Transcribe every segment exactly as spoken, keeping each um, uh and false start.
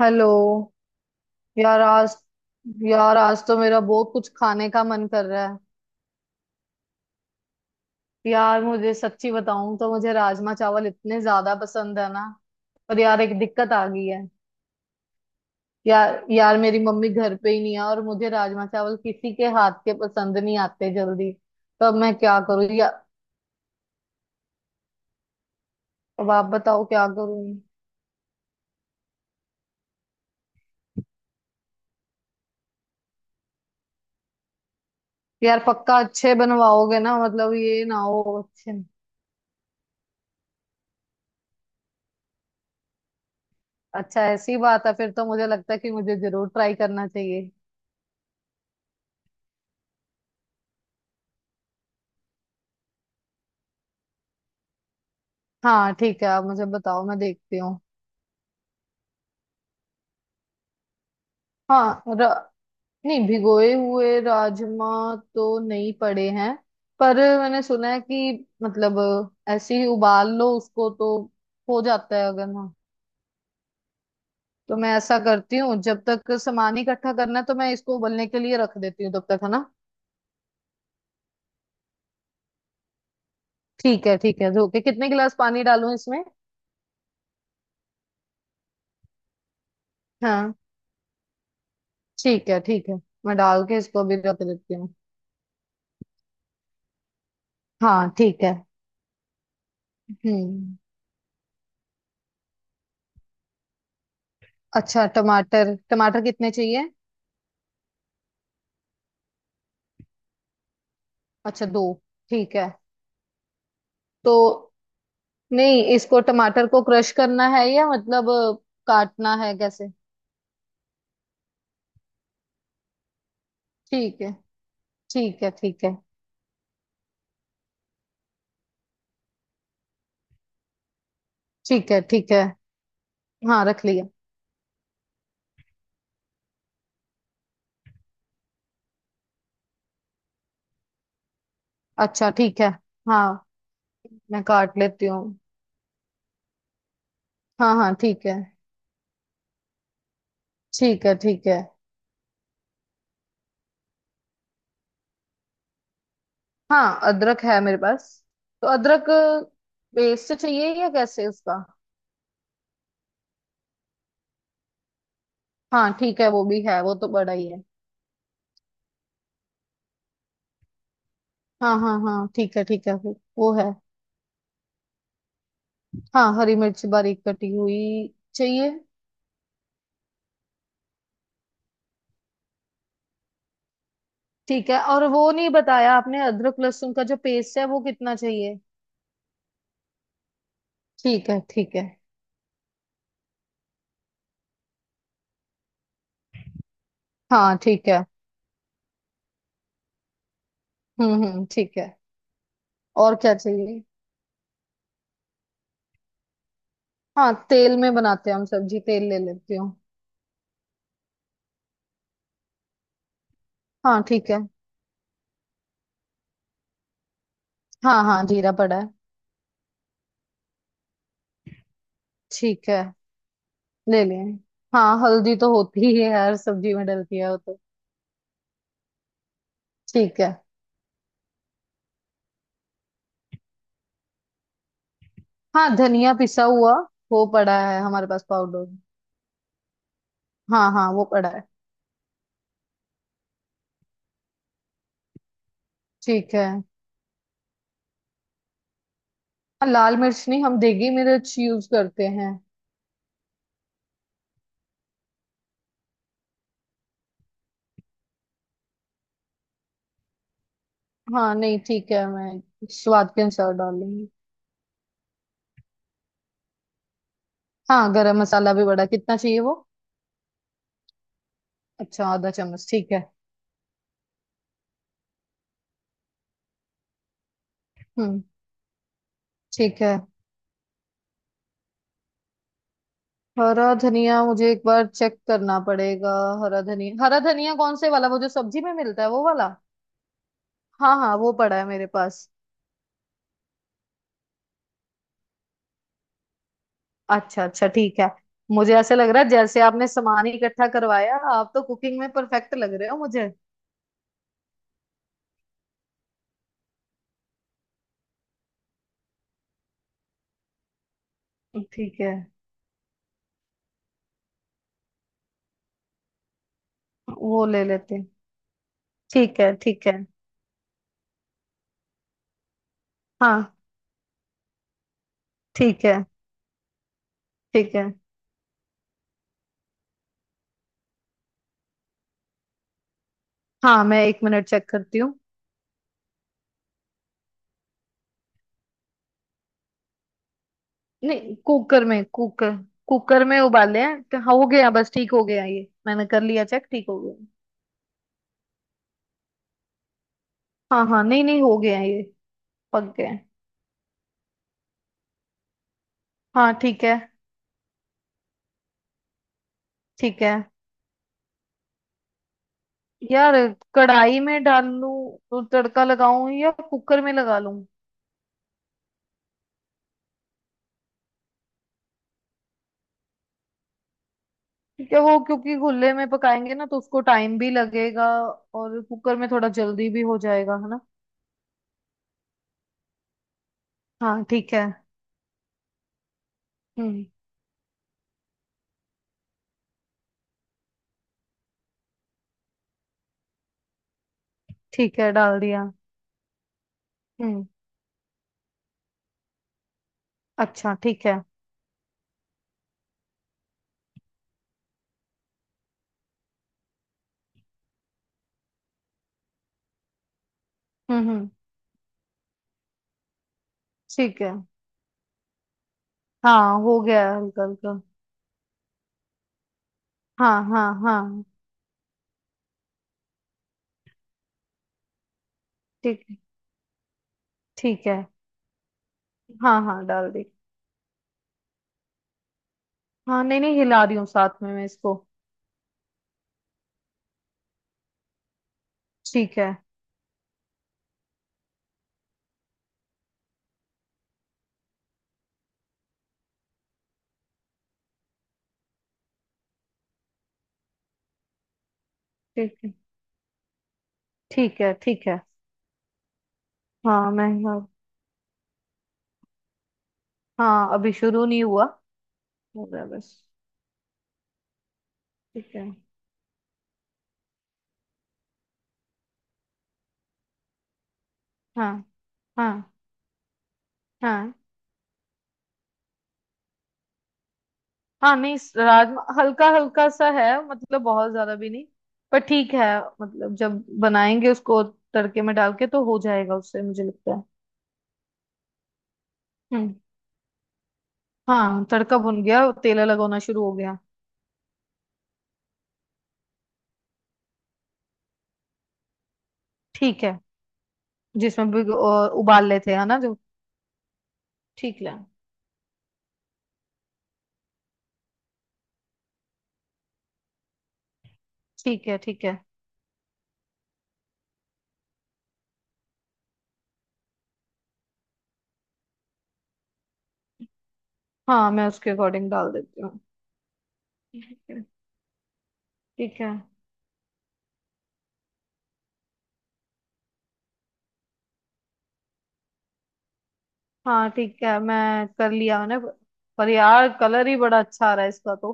Hello. यार आज यार आज तो मेरा बहुत कुछ खाने का मन कर रहा है। यार, मुझे सच्ची बताऊं तो मुझे राजमा चावल इतने ज्यादा पसंद है ना। पर यार एक दिक्कत आ गई है। यार यार मेरी मम्मी घर पे ही नहीं है और मुझे राजमा चावल किसी के हाथ के पसंद नहीं आते जल्दी। तो अब मैं क्या करूँ या, अब आप बताओ क्या करूँ। यार पक्का अच्छे बनवाओगे ना, मतलब ये ना हो अच्छे। अच्छा, ऐसी बात है, फिर तो मुझे लगता है कि मुझे जरूर ट्राई करना चाहिए। हाँ ठीक है, आप मुझे बताओ मैं देखती हूँ। हाँ, र... नहीं, भिगोए हुए राजमा तो नहीं पड़े हैं। पर मैंने सुना है कि मतलब ऐसे ही उबाल लो उसको तो हो जाता है, अगर ना। तो मैं ऐसा करती हूँ, जब तक सामान इकट्ठा करना है तो मैं इसको उबलने के लिए रख देती हूँ तब तक, है ना। ठीक है ठीक है, धो के कितने गिलास पानी डालूं इसमें। हाँ ठीक है ठीक है, मैं डाल के इसको अभी रख देती हूँ। हाँ ठीक है। हम्म, अच्छा टमाटर, टमाटर कितने चाहिए। अच्छा दो, ठीक है। तो नहीं, इसको टमाटर को क्रश करना है या मतलब अ, काटना है कैसे। ठीक है ठीक है। ठीक है ठीक है। ठीक है, हाँ रख लिया। अच्छा ठीक है, हाँ मैं काट लेती हूँ। हाँ हाँ ठीक है, ठीक है ठीक है। हाँ अदरक है मेरे पास। तो अदरक पेस्ट चाहिए या कैसे उसका। हाँ ठीक है, वो भी है, वो तो बड़ा ही है। हाँ हाँ हाँ ठीक है ठीक है, वो वो है। हाँ हरी मिर्च बारीक कटी हुई चाहिए। ठीक है, और वो नहीं बताया आपने, अदरक लहसुन का जो पेस्ट है वो कितना चाहिए। ठीक है ठीक है। हाँ ठीक है। हम्म हम्म, ठीक है, और क्या चाहिए। हाँ तेल में बनाते हैं हम सब्जी, तेल ले लेती हूँ। हाँ ठीक है। हाँ हाँ जीरा पड़ा है। ठीक है, ले लें। हाँ हल्दी तो होती ही है, हर सब्जी में डलती है वो तो। ठीक है। हाँ धनिया पिसा हुआ वो पड़ा है हमारे पास, पाउडर। हाँ हाँ वो पड़ा है। ठीक है, हाँ। लाल मिर्च नहीं, हम देगी मिर्च यूज करते हैं। हाँ नहीं ठीक है, मैं स्वाद के अनुसार डाल लूंगी। हाँ गरम मसाला भी बड़ा, कितना चाहिए वो। अच्छा आधा चम्मच, ठीक है। हम्म, ठीक है। हरा धनिया मुझे एक बार चेक करना पड़ेगा। हरा धनिया, हरा धनिया कौन से वाला, वो जो सब्जी में मिलता है वो वाला। हाँ हाँ वो पड़ा है मेरे पास। अच्छा अच्छा ठीक है। मुझे ऐसे लग रहा है जैसे आपने सामान ही इकट्ठा करवाया, आप तो कुकिंग में परफेक्ट लग रहे हो मुझे। ठीक है। वो ले लेते हैं। ठीक है ठीक है। हाँ, ठीक है ठीक है। हाँ मैं एक मिनट चेक करती हूँ। नहीं, कुकर में। कुकर कुकर में उबाले हैं तो, हाँ हो गया बस, ठीक हो गया ये, मैंने कर लिया चेक, ठीक हो गया। हाँ हाँ नहीं नहीं, हो गया ये। पक गया। हाँ ठीक है। ठीक है। यार कढ़ाई में डाल लूं तो तड़का लगाऊं या कुकर में लगा लूं। क्या वो क्योंकि खुले में पकाएंगे ना तो उसको टाइम भी लगेगा, और कुकर में थोड़ा जल्दी भी हो जाएगा, है ना। हाँ ठीक है। हम्म। ठीक है, डाल दिया। हम्म, अच्छा ठीक है। हम्म हम्म। ठीक है, हाँ हो गया हल्का हल्का। हाँ हाँ हाँ। ठीक है ठीक है, हाँ हाँ डाल दी। हाँ नहीं नहीं, हिला रही हूँ साथ में मैं इसको। ठीक है ठीक है। ठीक है ठीक है। हाँ मैं हिला- हाँ अभी शुरू नहीं हुआ, हो गया बस। ठीक है। हाँ हाँ हाँ, हाँ नहीं इस राजमा हल्का हल्का सा है, मतलब बहुत ज्यादा भी नहीं, पर ठीक है। मतलब जब बनाएंगे उसको, तड़के में डाल के तो हो जाएगा उससे मुझे लगता है। हम्म। हाँ तड़का भुन गया, तेल लगाना शुरू हो गया। ठीक है। जिसमें भी अ, उबाल लेते हैं, है ना जो। ठीक है ठीक है। ठीक है, हाँ मैं उसके अकॉर्डिंग डाल देती हूँ। ठीक है ठीक है। हाँ ठीक है, मैं कर लिया मैंने। पर यार कलर ही बड़ा अच्छा आ रहा है इसका तो।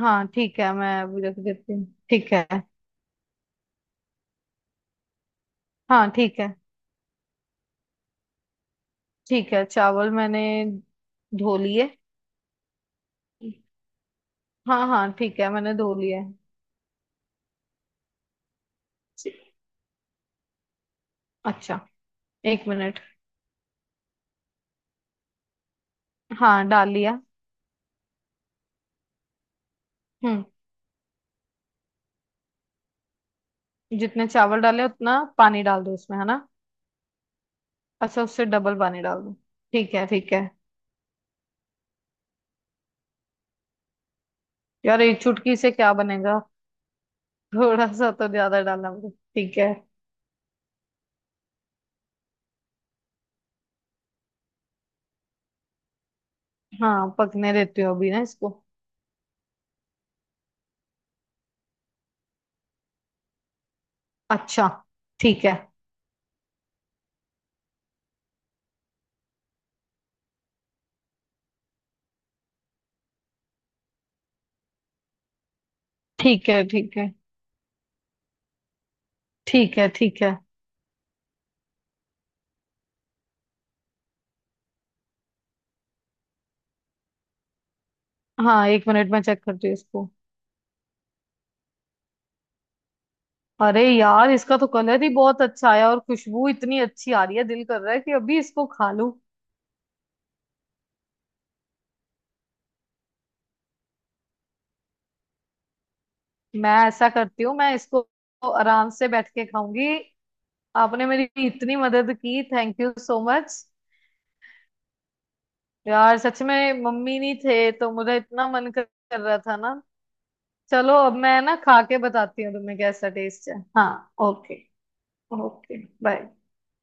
हाँ ठीक है, मैं अभी रख देती हूँ, ठीक है। हाँ ठीक है। ठीक है चावल मैंने धो लिए। हाँ हाँ ठीक है मैंने धो लिए। अच्छा, एक मिनट। हाँ डाल लिया। हम्म, जितने चावल डाले उतना पानी डाल दो उसमें, है ना। अच्छा, उससे डबल पानी डाल दो। ठीक है ठीक है। यार एक चुटकी से क्या बनेगा, थोड़ा सा तो ज्यादा डालना पड़ेगा। ठीक है। हाँ पकने देती हूँ अभी ना इसको। अच्छा ठीक है। ठीक है ठीक है। ठीक है ठीक है। हाँ एक मिनट में चेक करती हूँ इसको। अरे यार, इसका तो कलर ही बहुत अच्छा आया, और खुशबू इतनी अच्छी आ रही है, दिल कर रहा है कि अभी इसको खा लूं। मैं ऐसा करती हूँ, मैं इसको आराम से बैठ के खाऊंगी। आपने मेरी इतनी मदद की, थैंक यू सो मच। यार सच में, मम्मी नहीं थे तो मुझे इतना मन कर कर रहा था ना। चलो अब मैं ना खा के बताती हूँ तुम्हें कैसा टेस्ट है। हाँ ओके। Okay bye.